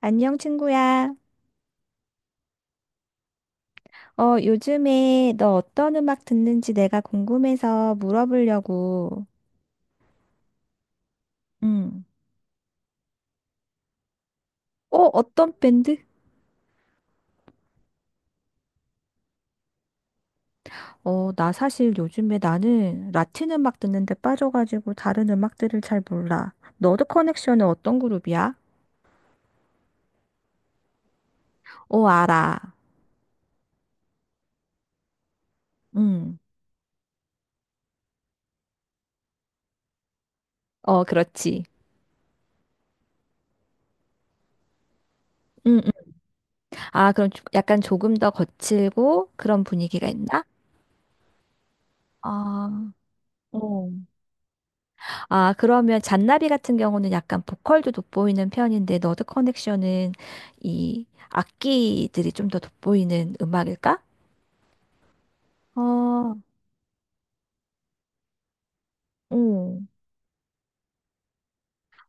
안녕, 친구야. 요즘에 너 어떤 음악 듣는지 내가 궁금해서 물어보려고. 응. 어, 어떤 밴드? 나 사실 요즘에 나는 라틴 음악 듣는데 빠져가지고 다른 음악들을 잘 몰라. 너드 커넥션은 어떤 그룹이야? 어, 알아. 응. 어, 그렇지. 응, 응. 아, 그럼 약간 조금 더 거칠고 그런 분위기가 있나? 아, 어. 아, 그러면 잔나비 같은 경우는 약간 보컬도 돋보이는 편인데 너드 커넥션은 이 악기들이 좀 더 돋보이는 음악일까? 아, 응.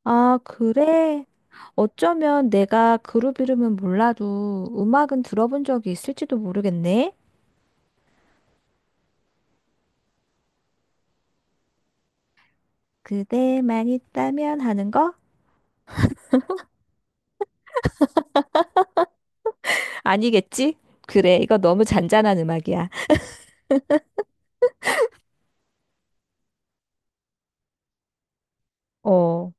아, 그래? 어쩌면 내가 그룹 이름은 몰라도 음악은 들어본 적이 있을지도 모르겠네. 그대만 있다면 하는 거? 아니겠지? 그래, 이거 너무 잔잔한 음악이야. 어,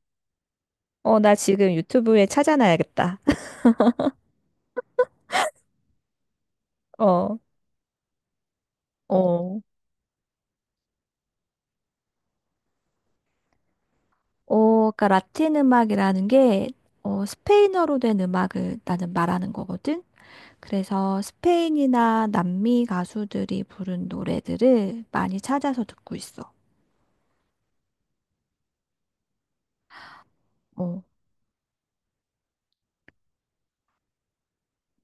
나 지금 유튜브에 찾아놔야겠다. 어, 어. 그러니까 라틴 음악이라는 게 스페인어로 된 음악을 나는 말하는 거거든. 그래서 스페인이나 남미 가수들이 부른 노래들을 많이 찾아서 듣고 있어. 어.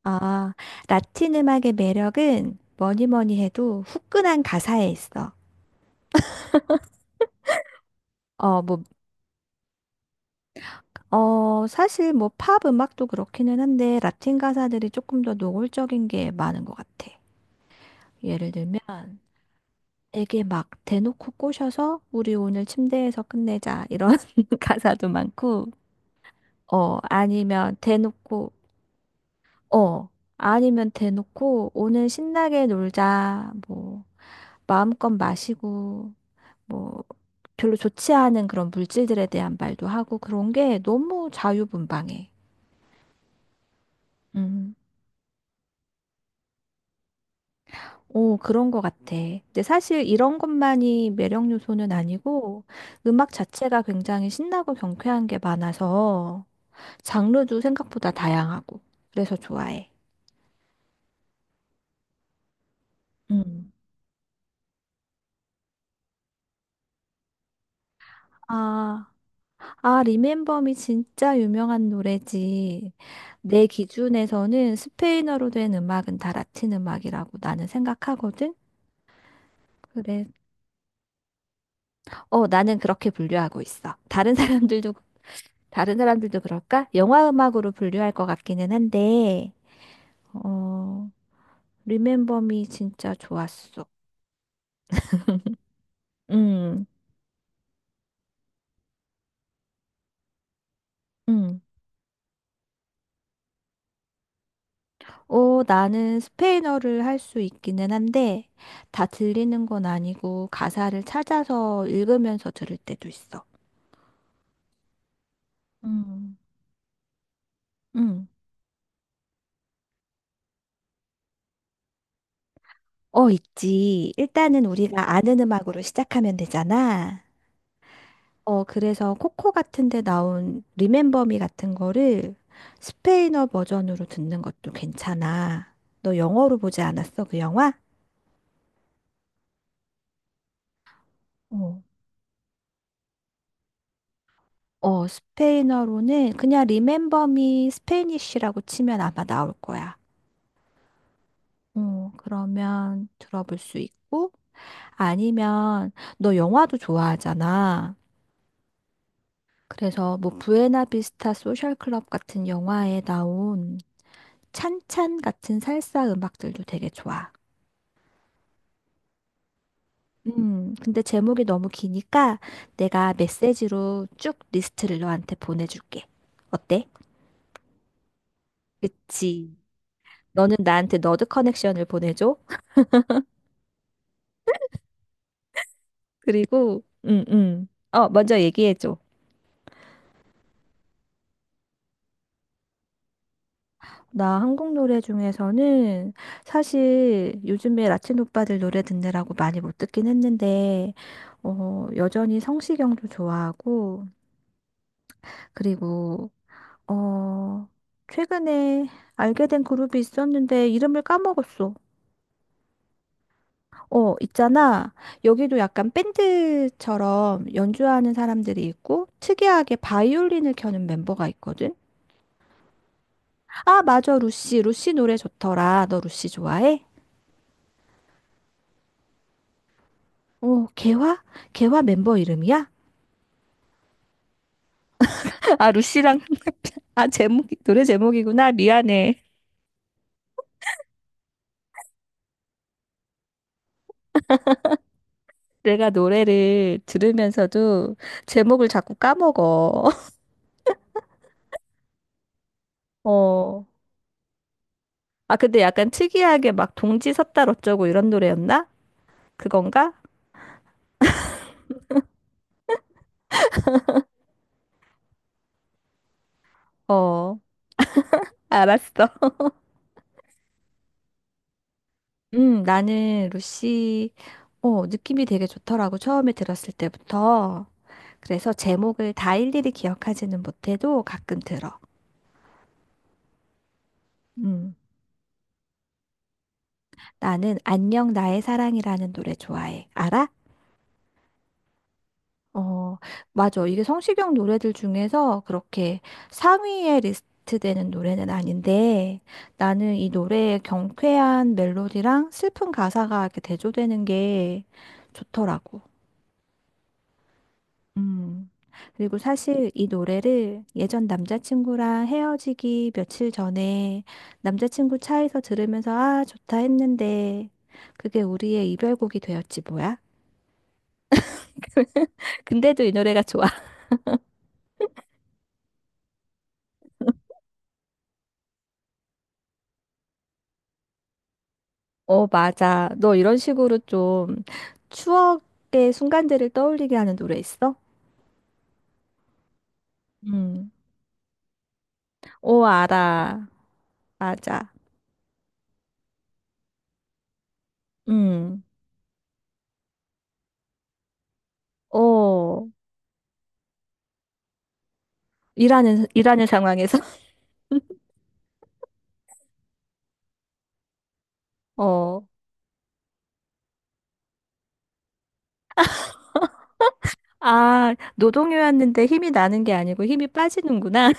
아, 라틴 음악의 매력은 뭐니 뭐니 해도 후끈한 가사에 있어. 어, 뭐, 사실 뭐 팝 음악도 그렇기는 한데 라틴 가사들이 조금 더 노골적인 게 많은 것 같아. 예를 들면 되게 막 대놓고 꼬셔서 우리 오늘 침대에서 끝내자 이런 가사도 많고 어 아니면 대놓고 어 아니면 대놓고 오늘 신나게 놀자 뭐 마음껏 마시고 뭐 별로 좋지 않은 그런 물질들에 대한 말도 하고 그런 게 너무 자유분방해. 음. 오, 그런 것 같아. 근데 사실 이런 것만이 매력 요소는 아니고 음악 자체가 굉장히 신나고 경쾌한 게 많아서 장르도 생각보다 다양하고. 그래서 좋아해. 음. 아, 아, 리멤버미 진짜 유명한 노래지. 내 기준에서는 스페인어로 된 음악은 다 라틴 음악이라고 나는 생각하거든. 그래. 어, 나는 그렇게 분류하고 있어. 다른 사람들도 그럴까? 영화 음악으로 분류할 것 같기는 한데, 어, 리멤버미 진짜 좋았어. 음, 음. 어, 나는 스페인어를 할 수 있기는 한데, 다 들리는 건 아니고, 가사를 찾아서 읽으면서 들을 때도 있어. 음. 응. 어, 있지. 일단은 우리가 아는 음악으로 시작하면 되잖아. 그래서 코코 같은 데 나온 리멤버 미 같은 거를 스페인어 버전으로 듣는 것도 괜찮아. 너 영어로 보지 않았어, 그 영화? 어. 어, 스페인어로는 그냥 리멤버 미 스페니쉬라고 치면 아마 나올 거야. 어, 그러면 들어볼 수 있고, 아니면 너 영화도 좋아하잖아. 그래서 뭐 부에나비스타 소셜 클럽 같은 영화에 나온 찬찬 같은 살사 음악들도 되게 좋아. 근데 제목이 너무 기니까 내가 메시지로 쭉 리스트를 너한테 보내줄게. 어때? 그치. 너는 나한테 너드 커넥션을 보내줘. 그리고, 응, 응. 어, 먼저 얘기해줘. 나 한국 노래 중에서는 사실 요즘에 라틴 오빠들 노래 듣느라고 많이 못 듣긴 했는데, 어, 여전히 성시경도 좋아하고, 그리고, 어, 최근에 알게 된 그룹이 있었는데 이름을 까먹었어. 어, 있잖아. 여기도 약간 밴드처럼 연주하는 사람들이 있고, 특이하게 바이올린을 켜는 멤버가 있거든. 아, 맞아, 루시. 루시 노래 좋더라. 너 루시 좋아해? 오, 개화? 개화 멤버 이름이야? 아, 루시랑, 아, 제목, 노래 제목이구나. 미안해. 내가 노래를 들으면서도 제목을 자꾸 까먹어. 어. 아, 근데 약간 특이하게 막 동지 섰다 어쩌고 이런 노래였나? 그건가? 어. 알았어. 나는 루시, 어, 느낌이 되게 좋더라고. 처음에 들었을 때부터. 그래서 제목을 다 일일이 기억하지는 못해도 가끔 들어. 음. 나는 안녕 나의 사랑이라는 노래 좋아해. 알아? 어, 맞아. 이게 성시경 노래들 중에서 그렇게 상위에 리스트되는 노래는 아닌데 나는 이 노래의 경쾌한 멜로디랑 슬픈 가사가 이렇게 대조되는 게 좋더라고. 음. 그리고 사실 이 노래를 예전 남자친구랑 헤어지기 며칠 전에 남자친구 차에서 들으면서 아, 좋다 했는데 그게 우리의 이별곡이 되었지 뭐야? 근데도 이 노래가 좋아. 어, 맞아. 너 이런 식으로 좀 추억의 순간들을 떠올리게 하는 노래 있어? 음. 어, 알아. 맞아. 음. 어, 일하는 상황에서? 어. 아, 노동요였는데 힘이 나는 게 아니고 힘이 빠지는구나.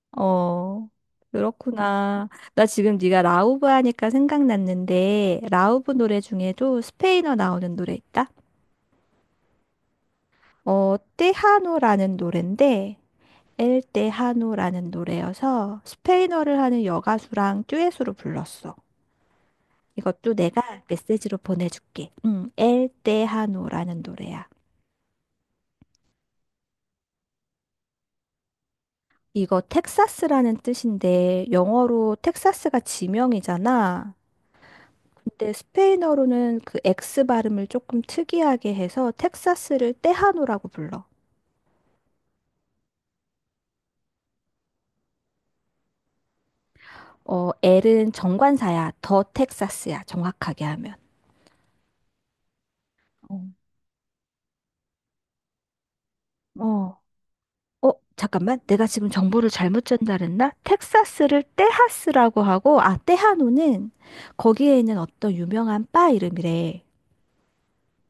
어. 그렇구나. 나 지금 네가 라우브 하니까 생각났는데 라우브 노래 중에도 스페인어 나오는 노래 있다. 어, 테하노라는 노래인데 엘때 하노라는 노래여서 스페인어를 하는 여가수랑 듀엣으로 불렀어. 이것도 내가 메시지로 보내줄게. 응, 엘때 하노라는 노래야. 이거 텍사스라는 뜻인데 영어로 텍사스가 지명이잖아. 근데 스페인어로는 그 X 발음을 조금 특이하게 해서 텍사스를 테하노라고 불러. 어, L은 정관사야. 더 텍사스야. 정확하게 하면. 어. 어, 잠깐만. 내가 지금 정보를 잘못 전달했나? 텍사스를 테하스라고 하고, 아, 테하노는 거기에 있는 어떤 유명한 바 이름이래.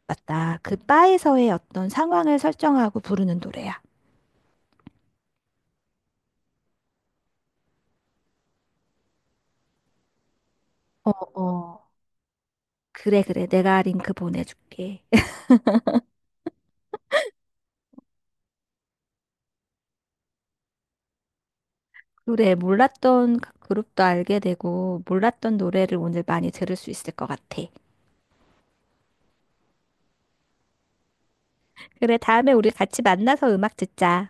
맞다. 그 바에서의 어떤 상황을 설정하고 부르는 노래야. 어, 어. 그래, 그래. 내가 링크 보내줄게. 그래, 몰랐던 그 그룹도 알게 되고, 몰랐던 노래를 오늘 많이 들을 수 있을 것 같아. 그래, 다음에 우리 같이 만나서 음악 듣자.